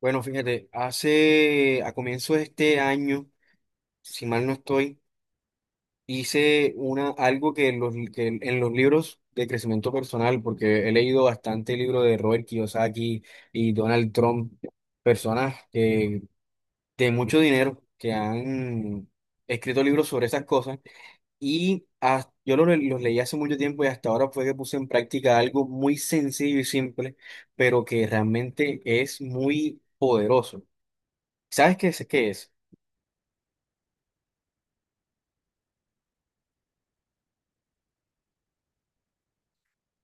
Bueno, fíjate, hace a comienzo de este año, si mal no estoy, hice una, algo que, en los, que en los libros de crecimiento personal, porque he leído bastante libros de Robert Kiyosaki y Donald Trump, personas que- de mucho dinero que han escrito libros sobre esas cosas, y yo los leí hace mucho tiempo y hasta ahora fue que puse en práctica algo muy sencillo y simple, pero que realmente es muy poderoso. ¿Sabes qué es? ¿Qué es?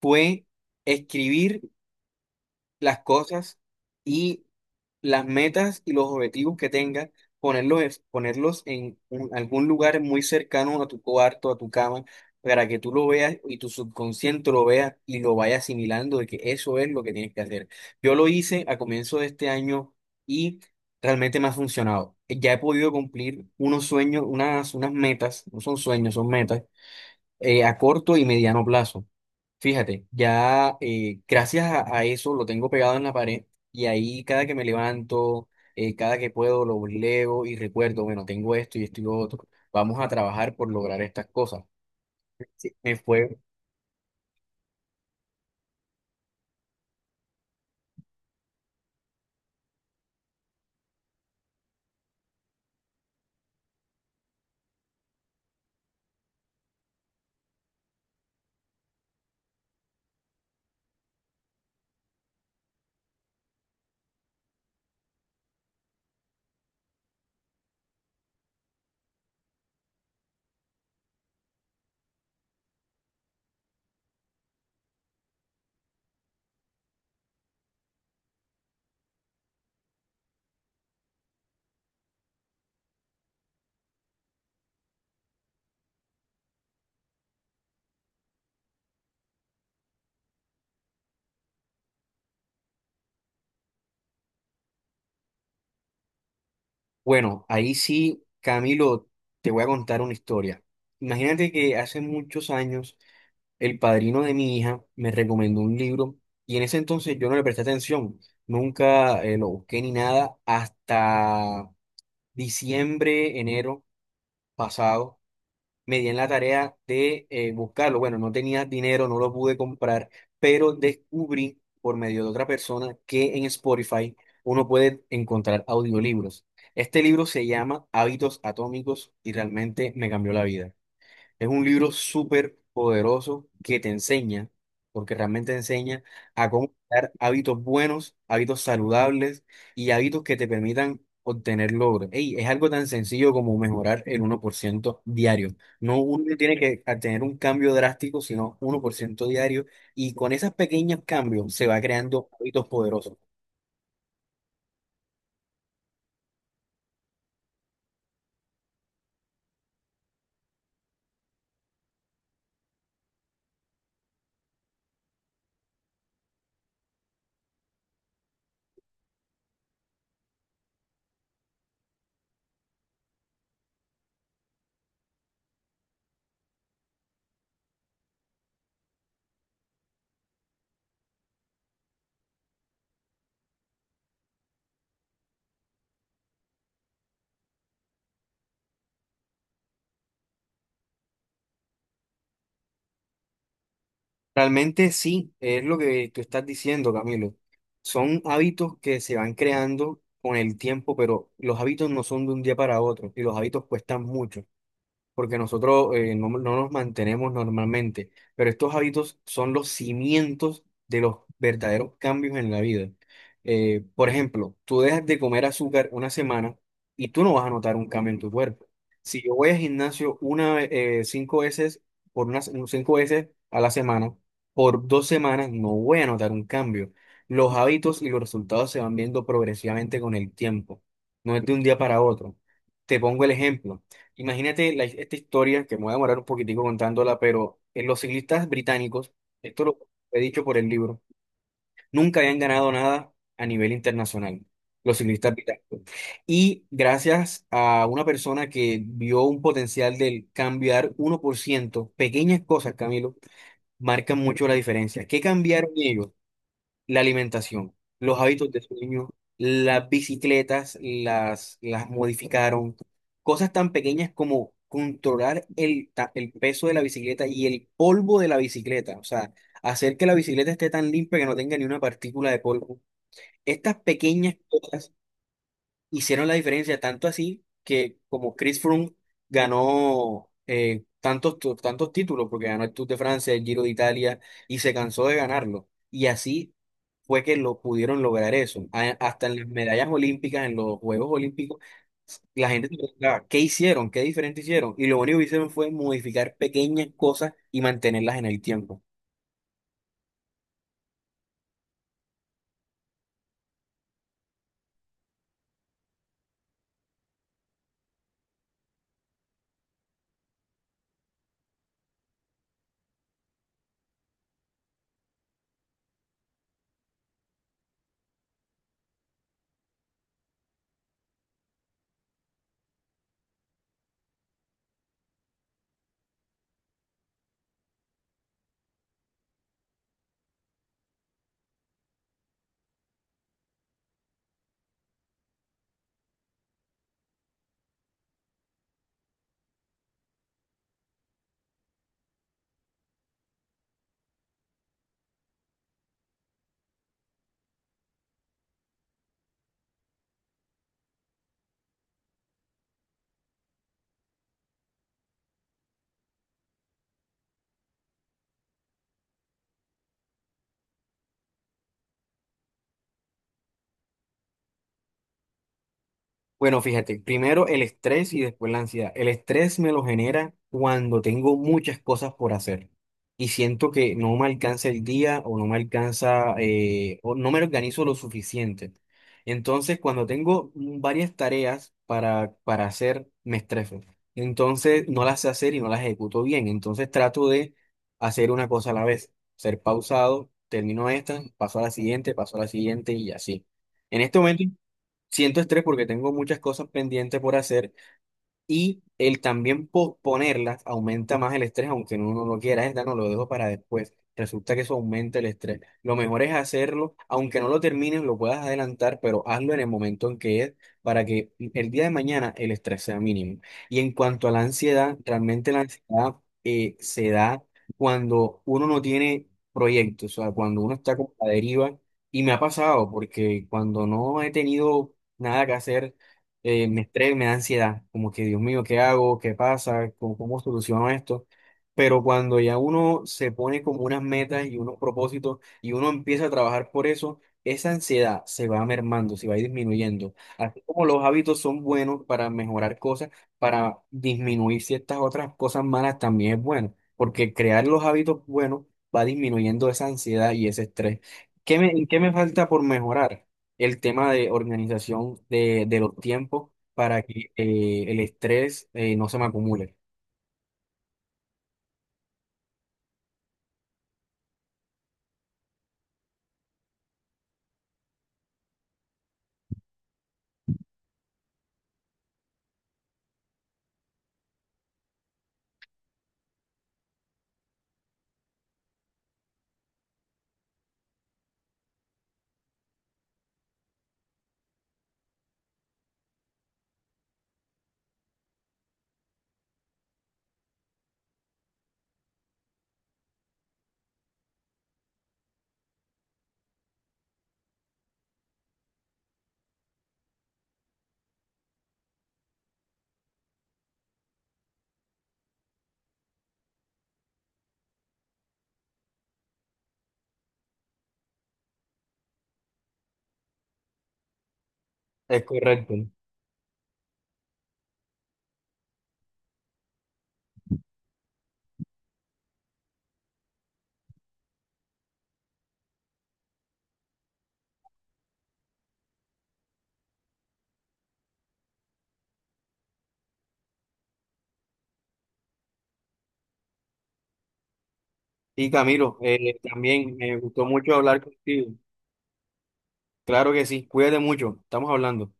Fue escribir las cosas y las metas y los objetivos que tengas, ponerlos, ponerlos en algún lugar muy cercano a tu cuarto, a tu cama, para que tú lo veas y tu subconsciente lo vea y lo vaya asimilando de que eso es lo que tienes que hacer. Yo lo hice a comienzo de este año y realmente me ha funcionado. Ya he podido cumplir unos sueños, unas, unas metas, no son sueños, son metas, a corto y mediano plazo. Fíjate, ya gracias a eso lo tengo pegado en la pared y ahí cada que me levanto, cada que puedo lo leo y recuerdo, bueno, tengo esto y esto y lo otro, vamos a trabajar por lograr estas cosas. Sí, me fue, bueno, ahí sí, Camilo, te voy a contar una historia. Imagínate que hace muchos años el padrino de mi hija me recomendó un libro y en ese entonces yo no le presté atención, nunca lo busqué ni nada hasta diciembre, enero pasado, me di en la tarea de buscarlo. Bueno, no tenía dinero, no lo pude comprar, pero descubrí por medio de otra persona que en Spotify uno puede encontrar audiolibros. Este libro se llama Hábitos Atómicos y realmente me cambió la vida. Es un libro súper poderoso que te enseña, porque realmente enseña a cómo crear hábitos buenos, hábitos saludables y hábitos que te permitan obtener logros. Ey, es algo tan sencillo como mejorar el uno por ciento diario. No, uno tiene que tener un cambio drástico, sino uno por ciento diario. Y con esos pequeños cambios se va creando hábitos poderosos. Realmente sí, es lo que tú estás diciendo, Camilo. Son hábitos que se van creando con el tiempo, pero los hábitos no son de un día para otro y los hábitos cuestan mucho porque nosotros no nos mantenemos normalmente, pero estos hábitos son los cimientos de los verdaderos cambios en la vida. Por ejemplo, tú dejas de comer azúcar una semana y tú no vas a notar un cambio en tu cuerpo. Si yo voy al gimnasio una, cinco veces, por unas cinco veces a la semana, por dos semanas no voy a notar un cambio. Los hábitos y los resultados se van viendo progresivamente con el tiempo, no es de un día para otro. Te pongo el ejemplo. Imagínate esta historia, que me voy a demorar un poquitico contándola, pero en los ciclistas británicos, esto lo he dicho por el libro, nunca habían ganado nada a nivel internacional, los ciclistas británicos. Y gracias a una persona que vio un potencial del cambiar uno por ciento, pequeñas cosas, Camilo, marcan mucho la diferencia. ¿Qué cambiaron ellos? La alimentación, los hábitos de sueño, las bicicletas las modificaron, cosas tan pequeñas como controlar el peso de la bicicleta y el polvo de la bicicleta, o sea, hacer que la bicicleta esté tan limpia que no tenga ni una partícula de polvo. Estas pequeñas cosas hicieron la diferencia, tanto así que como Chris Froome ganó tantos, tantos títulos, porque ganó el Tour de Francia, el Giro de Italia, y se cansó de ganarlo. Y así fue que lo pudieron lograr eso. Hasta en las medallas olímpicas, en los Juegos Olímpicos, la gente se preguntaba, ¿qué hicieron? ¿Qué diferente hicieron? Y lo único que hicieron fue modificar pequeñas cosas y mantenerlas en el tiempo. Bueno, fíjate, primero el estrés y después la ansiedad. El estrés me lo genera cuando tengo muchas cosas por hacer y siento que no me alcanza el día o no me alcanza o no me organizo lo suficiente. Entonces, cuando tengo varias tareas para hacer, me estreso. Entonces, no las sé hacer y no las ejecuto bien. Entonces, trato de hacer una cosa a la vez, ser pausado, termino esta, paso a la siguiente, paso a la siguiente y así. En este momento siento estrés porque tengo muchas cosas pendientes por hacer y el también posponerlas aumenta más el estrés, aunque uno no lo quiera, esta no lo dejo para después. Resulta que eso aumenta el estrés. Lo mejor es hacerlo, aunque no lo termines, lo puedas adelantar, pero hazlo en el momento en que es, para que el día de mañana el estrés sea mínimo. Y en cuanto a la ansiedad, realmente la ansiedad se da cuando uno no tiene proyectos, o sea, cuando uno está con la deriva. Y me ha pasado, porque cuando no he tenido nada que hacer, me da ansiedad, como que Dios mío, ¿qué hago? ¿Qué pasa? ¿Cómo, cómo soluciono esto? Pero cuando ya uno se pone como unas metas y unos propósitos y uno empieza a trabajar por eso, esa ansiedad se va mermando, se va disminuyendo. Así como los hábitos son buenos para mejorar cosas, para disminuir ciertas otras cosas malas también es bueno, porque crear los hábitos buenos va disminuyendo esa ansiedad y ese estrés. Qué me falta por mejorar? El tema de organización de los tiempos para que el estrés no se me acumule. Es correcto. Y Camilo, también me gustó mucho hablar contigo. Claro que sí, cuídate mucho, estamos hablando.